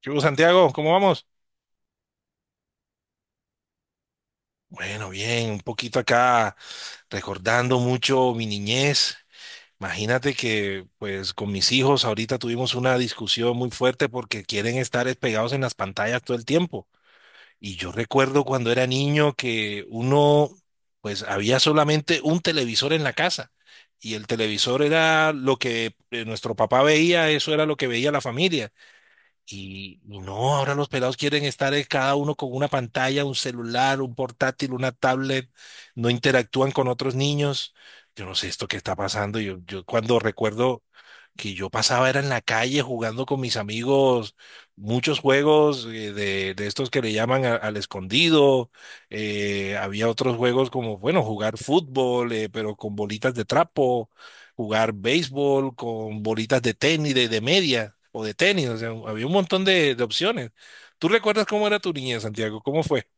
¿Qué hubo, Santiago? ¿Cómo vamos? Bueno, bien, un poquito acá recordando mucho mi niñez. Imagínate que pues con mis hijos ahorita tuvimos una discusión muy fuerte porque quieren estar es pegados en las pantallas todo el tiempo. Y yo recuerdo cuando era niño que uno pues había solamente un televisor en la casa y el televisor era lo que nuestro papá veía, eso era lo que veía la familia. Y no, ahora los pelados quieren estar cada uno con una pantalla, un celular, un portátil, una tablet, no interactúan con otros niños. Yo no sé esto qué está pasando. Yo cuando recuerdo que yo pasaba era en la calle jugando con mis amigos muchos juegos de estos que le llaman al escondido. Había otros juegos como, bueno, jugar fútbol, pero con bolitas de trapo, jugar béisbol con bolitas de tenis, de media o de tenis. O sea, había un montón de opciones. ¿Tú recuerdas cómo era tu niña, Santiago? ¿Cómo fue?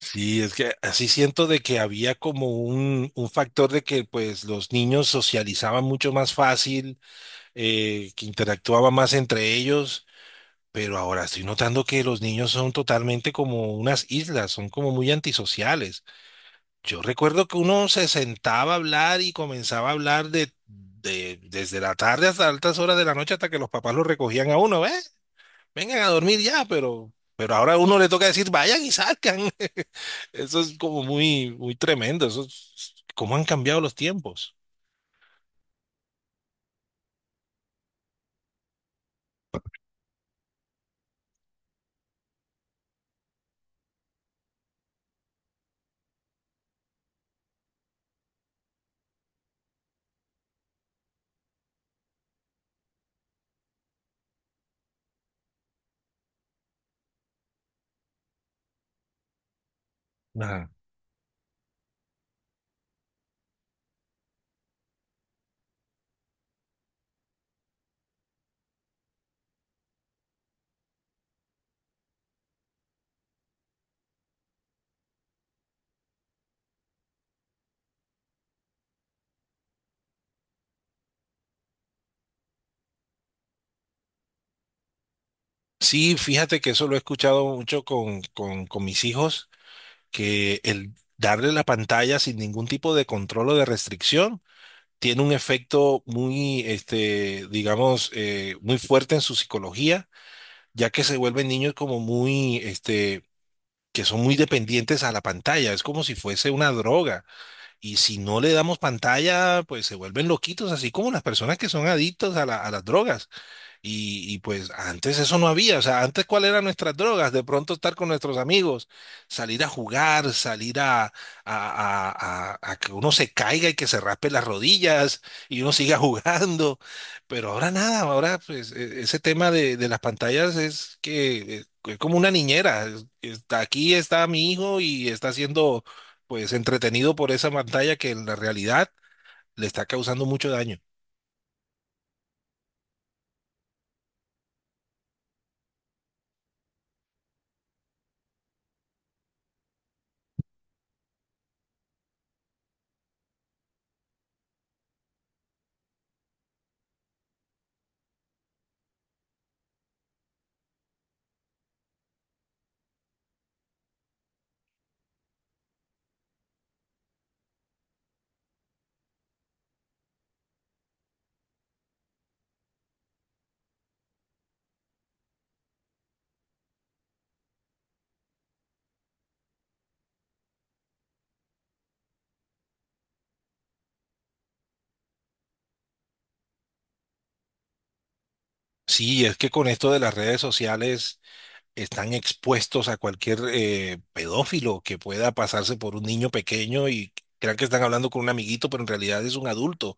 Sí, es que así siento de que había como un factor de que pues los niños socializaban mucho más fácil que interactuaba más entre ellos, pero ahora estoy notando que los niños son totalmente como unas islas, son como muy antisociales. Yo recuerdo que uno se sentaba a hablar y comenzaba a hablar desde la tarde hasta altas horas de la noche hasta que los papás lo recogían a uno, ¿eh? Vengan a dormir ya, pero ahora a uno le toca decir, vayan y salgan. Eso es como muy tremendo. Cómo han cambiado los tiempos. Ajá. Sí, fíjate que eso lo he escuchado mucho con mis hijos, que el darle la pantalla sin ningún tipo de control o de restricción tiene un efecto digamos, muy fuerte en su psicología, ya que se vuelven niños como que son muy dependientes a la pantalla. Es como si fuese una droga. Y si no le damos pantalla, pues se vuelven loquitos, así como las personas que son adictos a a las drogas. Pues antes eso no había, o sea, antes cuál eran nuestras drogas, de pronto estar con nuestros amigos, salir a jugar, salir a que uno se caiga y que se raspe las rodillas y uno siga jugando, pero ahora nada, ahora pues ese tema de las pantallas es que es como una niñera, está aquí está mi hijo y está siendo pues entretenido por esa pantalla que en la realidad le está causando mucho daño. Sí, es que con esto de las redes sociales están expuestos a cualquier pedófilo que pueda pasarse por un niño pequeño y crean que están hablando con un amiguito, pero en realidad es un adulto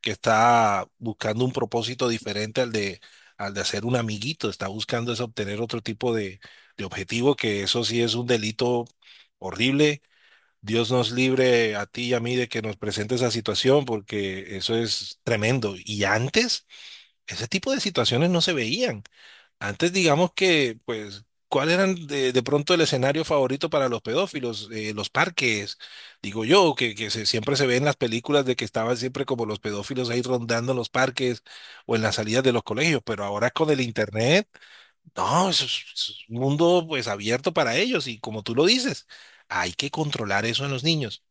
que está buscando un propósito diferente al de hacer un amiguito, está buscando es obtener otro tipo de objetivo, que eso sí es un delito horrible. Dios nos libre a ti y a mí de que nos presente esa situación, porque eso es tremendo. Y antes, ese tipo de situaciones no se veían. Antes digamos que, pues, ¿cuál eran de pronto el escenario favorito para los pedófilos? Los parques, digo yo, que siempre se ve en las películas de que estaban siempre como los pedófilos ahí rondando en los parques o en las salidas de los colegios, pero ahora con el internet, no, es un mundo pues abierto para ellos y como tú lo dices, hay que controlar eso en los niños.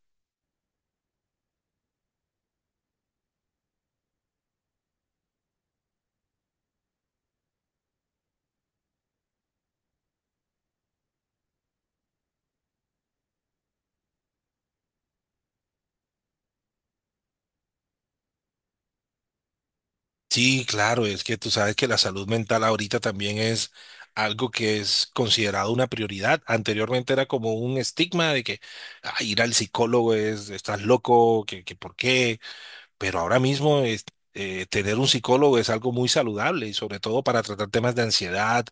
Sí, claro, es que tú sabes que la salud mental ahorita también es algo que es considerado una prioridad. Anteriormente era como un estigma de que "Ah, ir al psicólogo es, estás loco, que por qué, pero ahora mismo es, tener un psicólogo es algo muy saludable y sobre todo para tratar temas de ansiedad,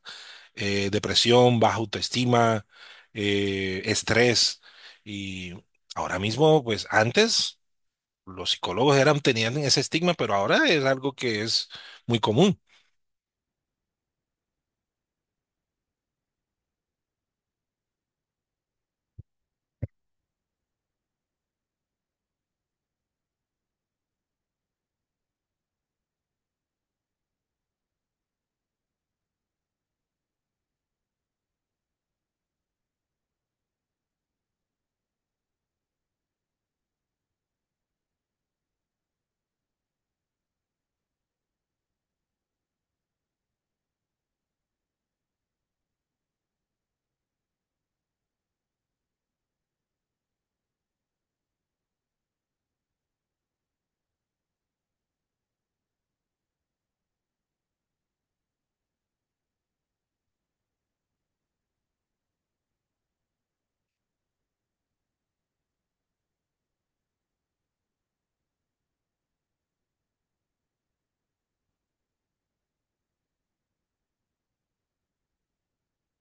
depresión, baja autoestima, estrés. Y ahora mismo, pues antes los psicólogos eran, tenían ese estigma, pero ahora es algo que es muy común.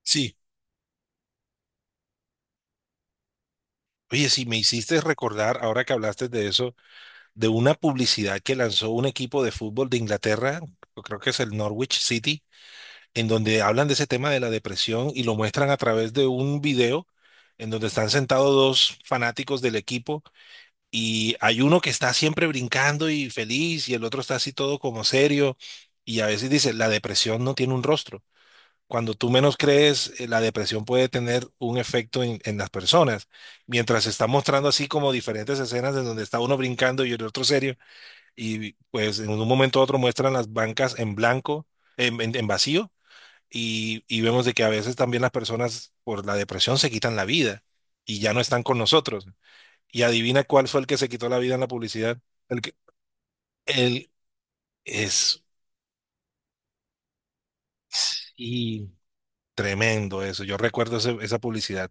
Sí. Oye, si me hiciste recordar, ahora que hablaste de eso, de una publicidad que lanzó un equipo de fútbol de Inglaterra, yo creo que es el Norwich City, en donde hablan de ese tema de la depresión y lo muestran a través de un video en donde están sentados dos fanáticos del equipo y hay uno que está siempre brincando y feliz y el otro está así todo como serio y a veces dice, la depresión no tiene un rostro. Cuando tú menos crees, la depresión puede tener un efecto en las personas. Mientras se está mostrando así como diferentes escenas en donde está uno brincando y el otro serio, y pues en un momento u otro muestran las bancas en blanco, en vacío, y vemos de que a veces también las personas por la depresión se quitan la vida y ya no están con nosotros. Y adivina cuál fue el que se quitó la vida en la publicidad. El que, el- es y Tremendo eso. Yo recuerdo esa publicidad.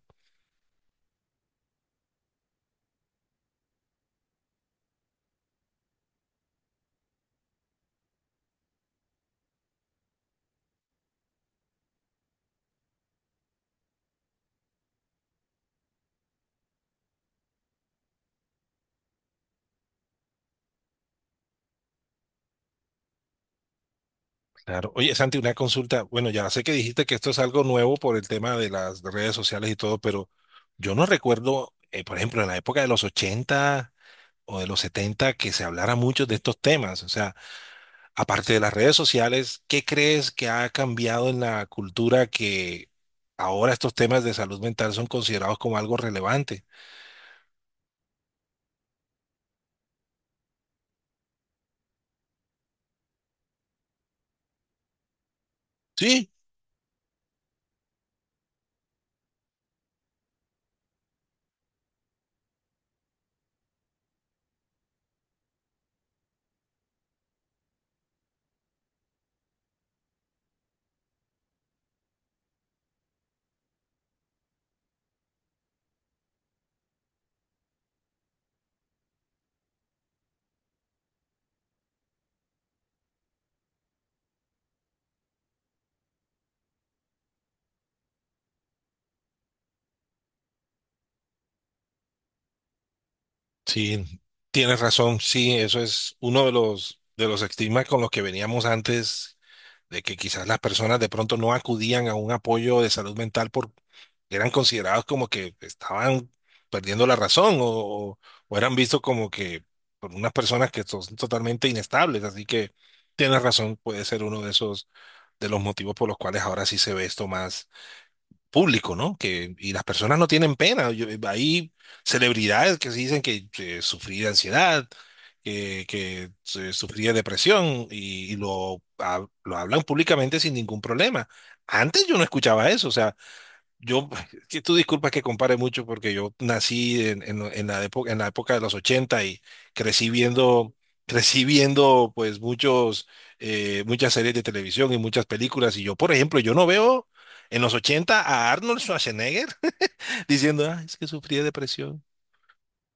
Claro. Oye, Santi, una consulta. Bueno, ya sé que dijiste que esto es algo nuevo por el tema de las redes sociales y todo, pero yo no recuerdo, por ejemplo, en la época de los 80 o de los 70 que se hablara mucho de estos temas. O sea, aparte de las redes sociales, ¿qué crees que ha cambiado en la cultura que ahora estos temas de salud mental son considerados como algo relevante? Sí, Sí, tienes razón. Sí, eso es uno de los estigmas con los que veníamos antes, de que quizás las personas de pronto no acudían a un apoyo de salud mental por eran considerados como que estaban perdiendo la razón o eran vistos como que por unas personas que son totalmente inestables. Así que tienes razón, puede ser uno de esos, de los motivos por los cuales ahora sí se ve esto más público, ¿no? Que, y las personas no tienen pena. Hay celebridades que se dicen que sufrí de ansiedad, que sufrí de depresión y lo, lo hablan públicamente sin ningún problema. Antes yo no escuchaba eso, o sea, yo, que tú disculpas que compare mucho porque yo nací en la época de los 80 y crecí viendo, crecí viendo pues muchos, muchas series de televisión y muchas películas. Y yo, por ejemplo, yo no veo en los 80 a Arnold Schwarzenegger diciendo, ah, es que sufrí de depresión.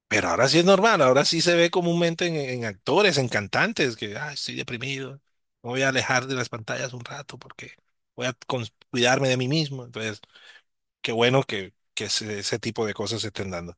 Pero ahora sí es normal, ahora sí se ve comúnmente en actores, en cantantes, que, ah, estoy deprimido, me voy a alejar de las pantallas un rato porque voy a cuidarme de mí mismo. Entonces... Qué bueno que ese tipo de cosas se estén dando.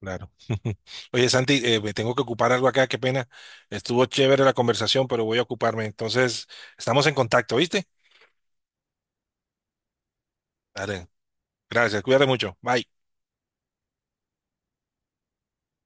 Claro. Oye, Santi, me tengo que ocupar algo acá, qué pena. Estuvo chévere la conversación, pero voy a ocuparme. Entonces, estamos en contacto, ¿viste? Dale, gracias, cuídate mucho. Bye.